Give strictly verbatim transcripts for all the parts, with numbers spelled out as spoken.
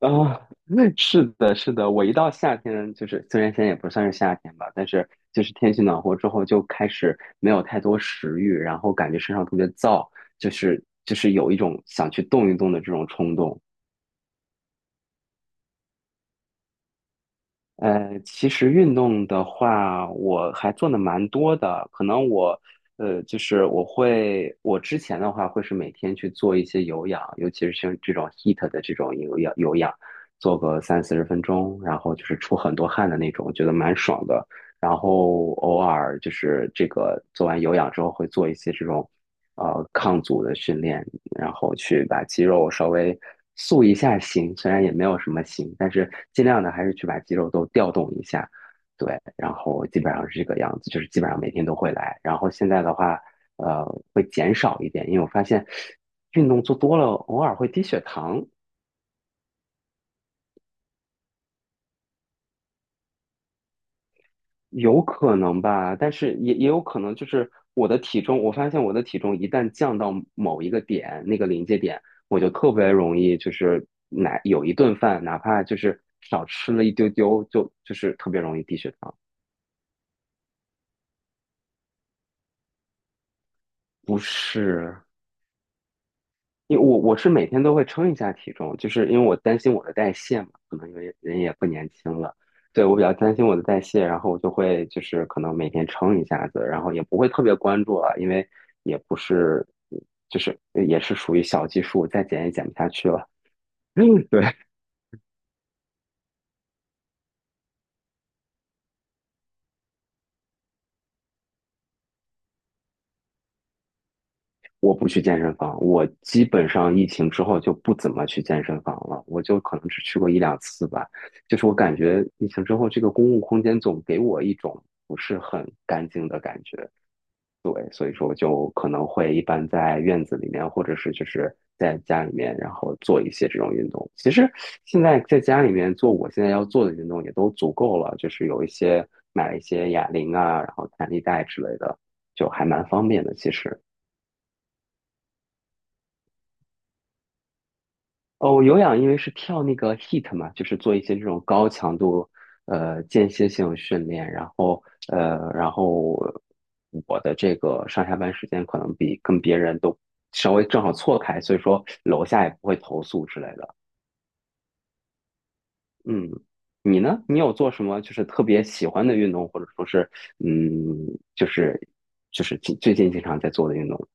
啊，是的，是的，我一到夏天，就是虽然现在也不算是夏天吧，但是就是天气暖和之后，就开始没有太多食欲，然后感觉身上特别燥，就是就是有一种想去动一动的这种冲动。呃，其实运动的话，我还做的蛮多的。可能我，呃，就是我会，我之前的话会是每天去做一些有氧，尤其是像这种 h e a t 的这种有氧有氧，做个三四十分钟，然后就是出很多汗的那种，觉得蛮爽的。然后偶尔就是这个做完有氧之后，会做一些这种，呃，抗阻的训练。然后去把肌肉稍微塑一下形，虽然也没有什么形，但是尽量的还是去把肌肉都调动一下。对，然后基本上是这个样子，就是基本上每天都会来。然后现在的话，呃，会减少一点，因为我发现运动做多了，偶尔会低血糖。有可能吧，但是也也有可能就是我的体重，我发现我的体重一旦降到某一个点，那个临界点，我就特别容易就是哪有一顿饭，哪怕就是少吃了一丢丢，就就是特别容易低血糖。不是，因为我我是每天都会称一下体重，就是因为我担心我的代谢嘛，可能因为人也不年轻了，对，我比较担心我的代谢，然后我就会就是可能每天称一下子，然后也不会特别关注了，因为也不是就是也是属于小基数，再减也减不下去了。对，我不去健身房，我基本上疫情之后就不怎么去健身房了，我就可能只去过一两次吧。就是我感觉疫情之后，这个公共空间总给我一种不是很干净的感觉。对，所以说我就可能会一般在院子里面，或者是就是在家里面，然后做一些这种运动。其实现在在家里面做我现在要做的运动也都足够了，就是有一些买了一些哑铃啊，然后弹力带之类的，就还蛮方便的。其实，哦，我有氧因为是跳那个 h e a t 嘛，就是做一些这种高强度呃间歇性训练，然后呃，然后我的这个上下班时间可能比跟别人都稍微正好错开，所以说楼下也不会投诉之类的。嗯，你呢？你有做什么就是特别喜欢的运动，或者说是嗯，就是就是近最近经常在做的运动？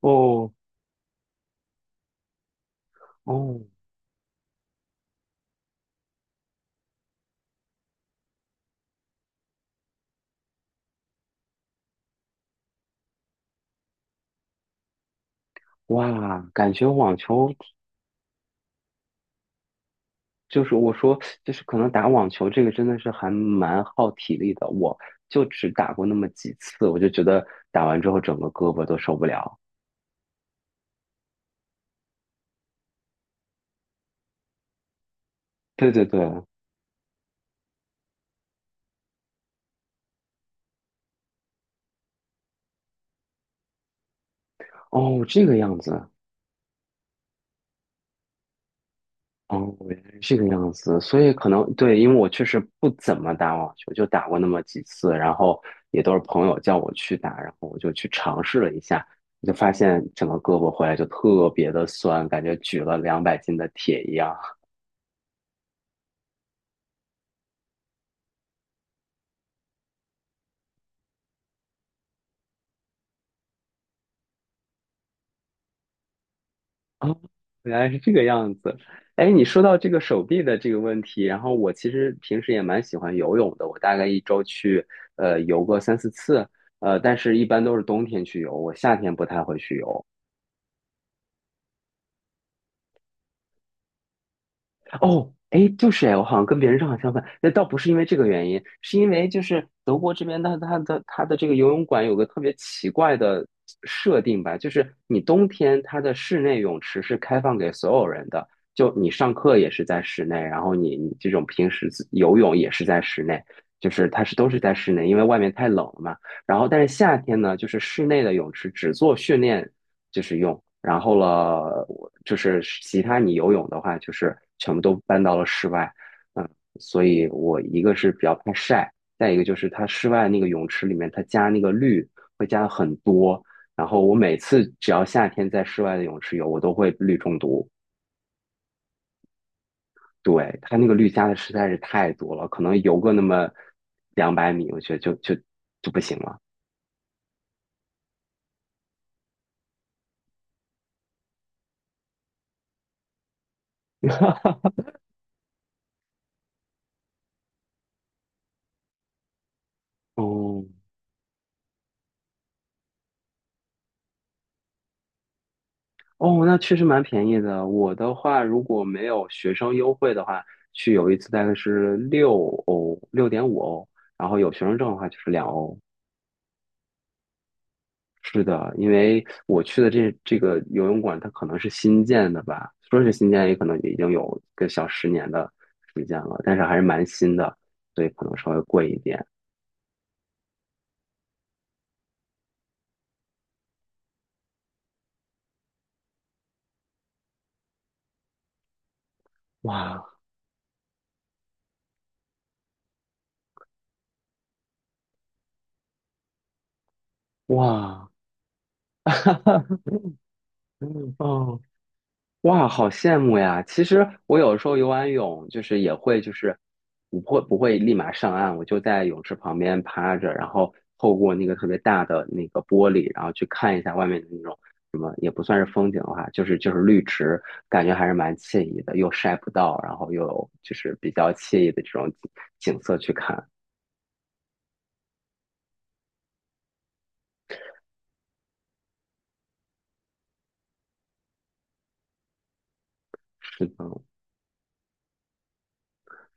哦哦，哇，感觉网球。就是我说，就是可能打网球这个真的是还蛮耗体力的，我就只打过那么几次，我就觉得打完之后整个胳膊都受不了。对对对，哦，这个样子，哦，原来是这个样子，所以可能对，因为我确实不怎么打网球，就打过那么几次，然后也都是朋友叫我去打，然后我就去尝试了一下，就发现整个胳膊回来就特别的酸，感觉举了两百斤的铁一样。哦，原来是这个样子。哎，你说到这个手臂的这个问题，然后我其实平时也蛮喜欢游泳的，我大概一周去呃游个三四次，呃，但是一般都是冬天去游，我夏天不太会去游。哦，哎，就是哎，我好像跟别人正好相反。那倒不是因为这个原因，是因为就是德国这边它它的它的这个游泳馆有个特别奇怪的设定吧，就是你冬天它的室内泳池是开放给所有人的，就你上课也是在室内，然后你你这种平时自游泳也是在室内，就是它是都是在室内，因为外面太冷了嘛。然后但是夏天呢，就是室内的泳池只做训练。就是用。然后了，我就是其他你游泳的话，就是全部都搬到了室外。嗯，所以我一个是比较怕晒，再一个就是它室外那个泳池里面，它加那个氯会加很多。然后我每次只要夏天在室外的泳池游，我都会氯中毒。对，它那个氯加的实在是太多了，可能游个那么两百米，我觉得就就就不行了。哦，哦，那确实蛮便宜的。我的话，如果没有学生优惠的话，去有一次大概是六欧，六点五欧，然后有学生证的话就是两欧。是的，因为我去的这这个游泳馆，它可能是新建的吧，说是新建，也可能已经有个小十年的时间了，但是还是蛮新的，所以可能稍微贵一点。哇哇，哦，哇，好羡慕呀！其实我有时候游完泳，就是也会，就是我不会不会立马上岸，我就在泳池旁边趴着，然后透过那个特别大的那个玻璃，然后去看一下外面的那种什么，也不算是风景的话，就是就是绿植，感觉还是蛮惬意的，又晒不到，然后又有就是比较惬意的这种景色去看。是的，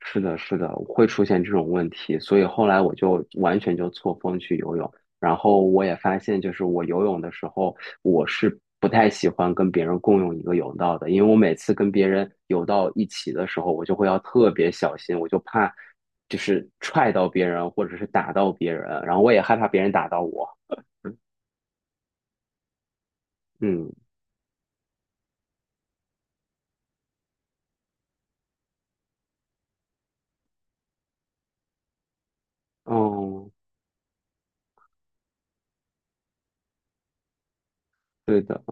是的，是的，会出现这种问题，所以后来我就完全就错峰去游泳。然后我也发现，就是我游泳的时候，我是不太喜欢跟别人共用一个泳道的，因为我每次跟别人游到一起的时候，我就会要特别小心，我就怕就是踹到别人或者是打到别人，然后我也害怕别人打到我。嗯，哦，对的。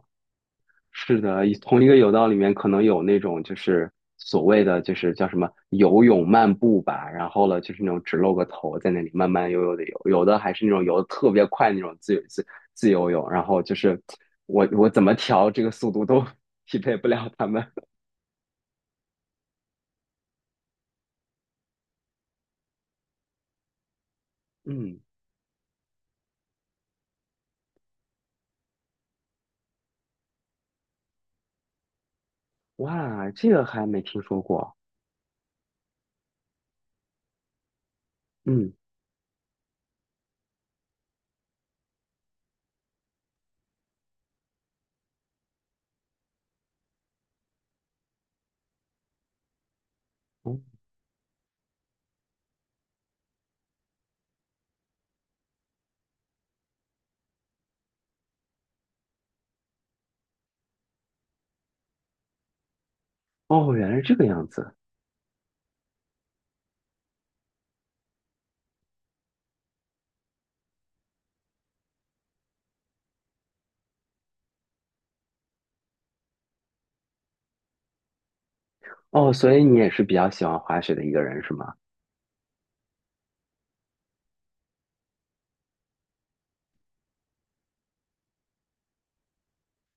是的，一同一个泳道里面可能有那种就是所谓的就是叫什么游泳漫步吧，然后了就是那种只露个头在那里慢慢悠悠的游，有的还是那种游的特别快那种自由自自由泳，然后就是我我怎么调这个速度都 匹配不了他们。嗯，哇，这个还没听说过。嗯，哦，哦原来是这个样子。哦，所以你也是比较喜欢滑雪的一个人是吗？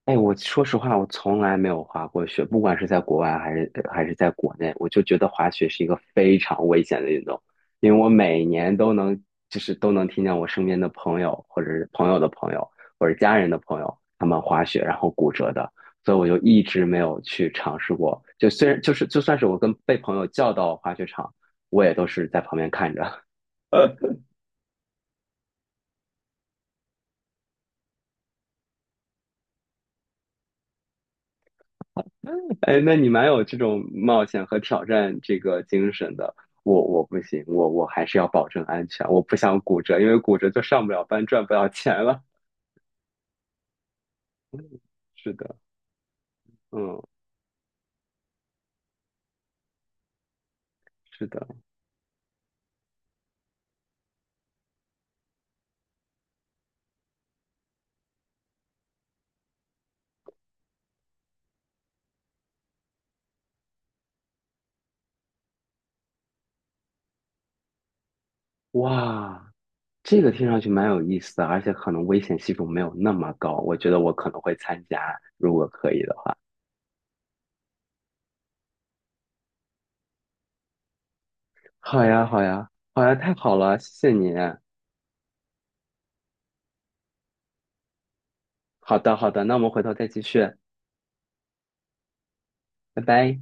哎，我说实话，我从来没有滑过雪，不管是在国外还是还是在国内，我就觉得滑雪是一个非常危险的运动，因为我每年都能，就是都能听见我身边的朋友，或者是朋友的朋友，或者家人的朋友，他们滑雪然后骨折的，所以我就一直没有去尝试过。就虽然就是就算是我跟被朋友叫到滑雪场，我也都是在旁边看着。哎，那你蛮有这种冒险和挑战这个精神的。我我不行，我我还是要保证安全，我不想骨折，因为骨折就上不了班，赚不了钱了。是的，嗯，是的，哇，这个听上去蛮有意思的，而且可能危险系数没有那么高，我觉得我可能会参加，如果可以的话。好呀，好呀，好呀，太好了，谢谢你。好的，好的，那我们回头再继续，拜拜。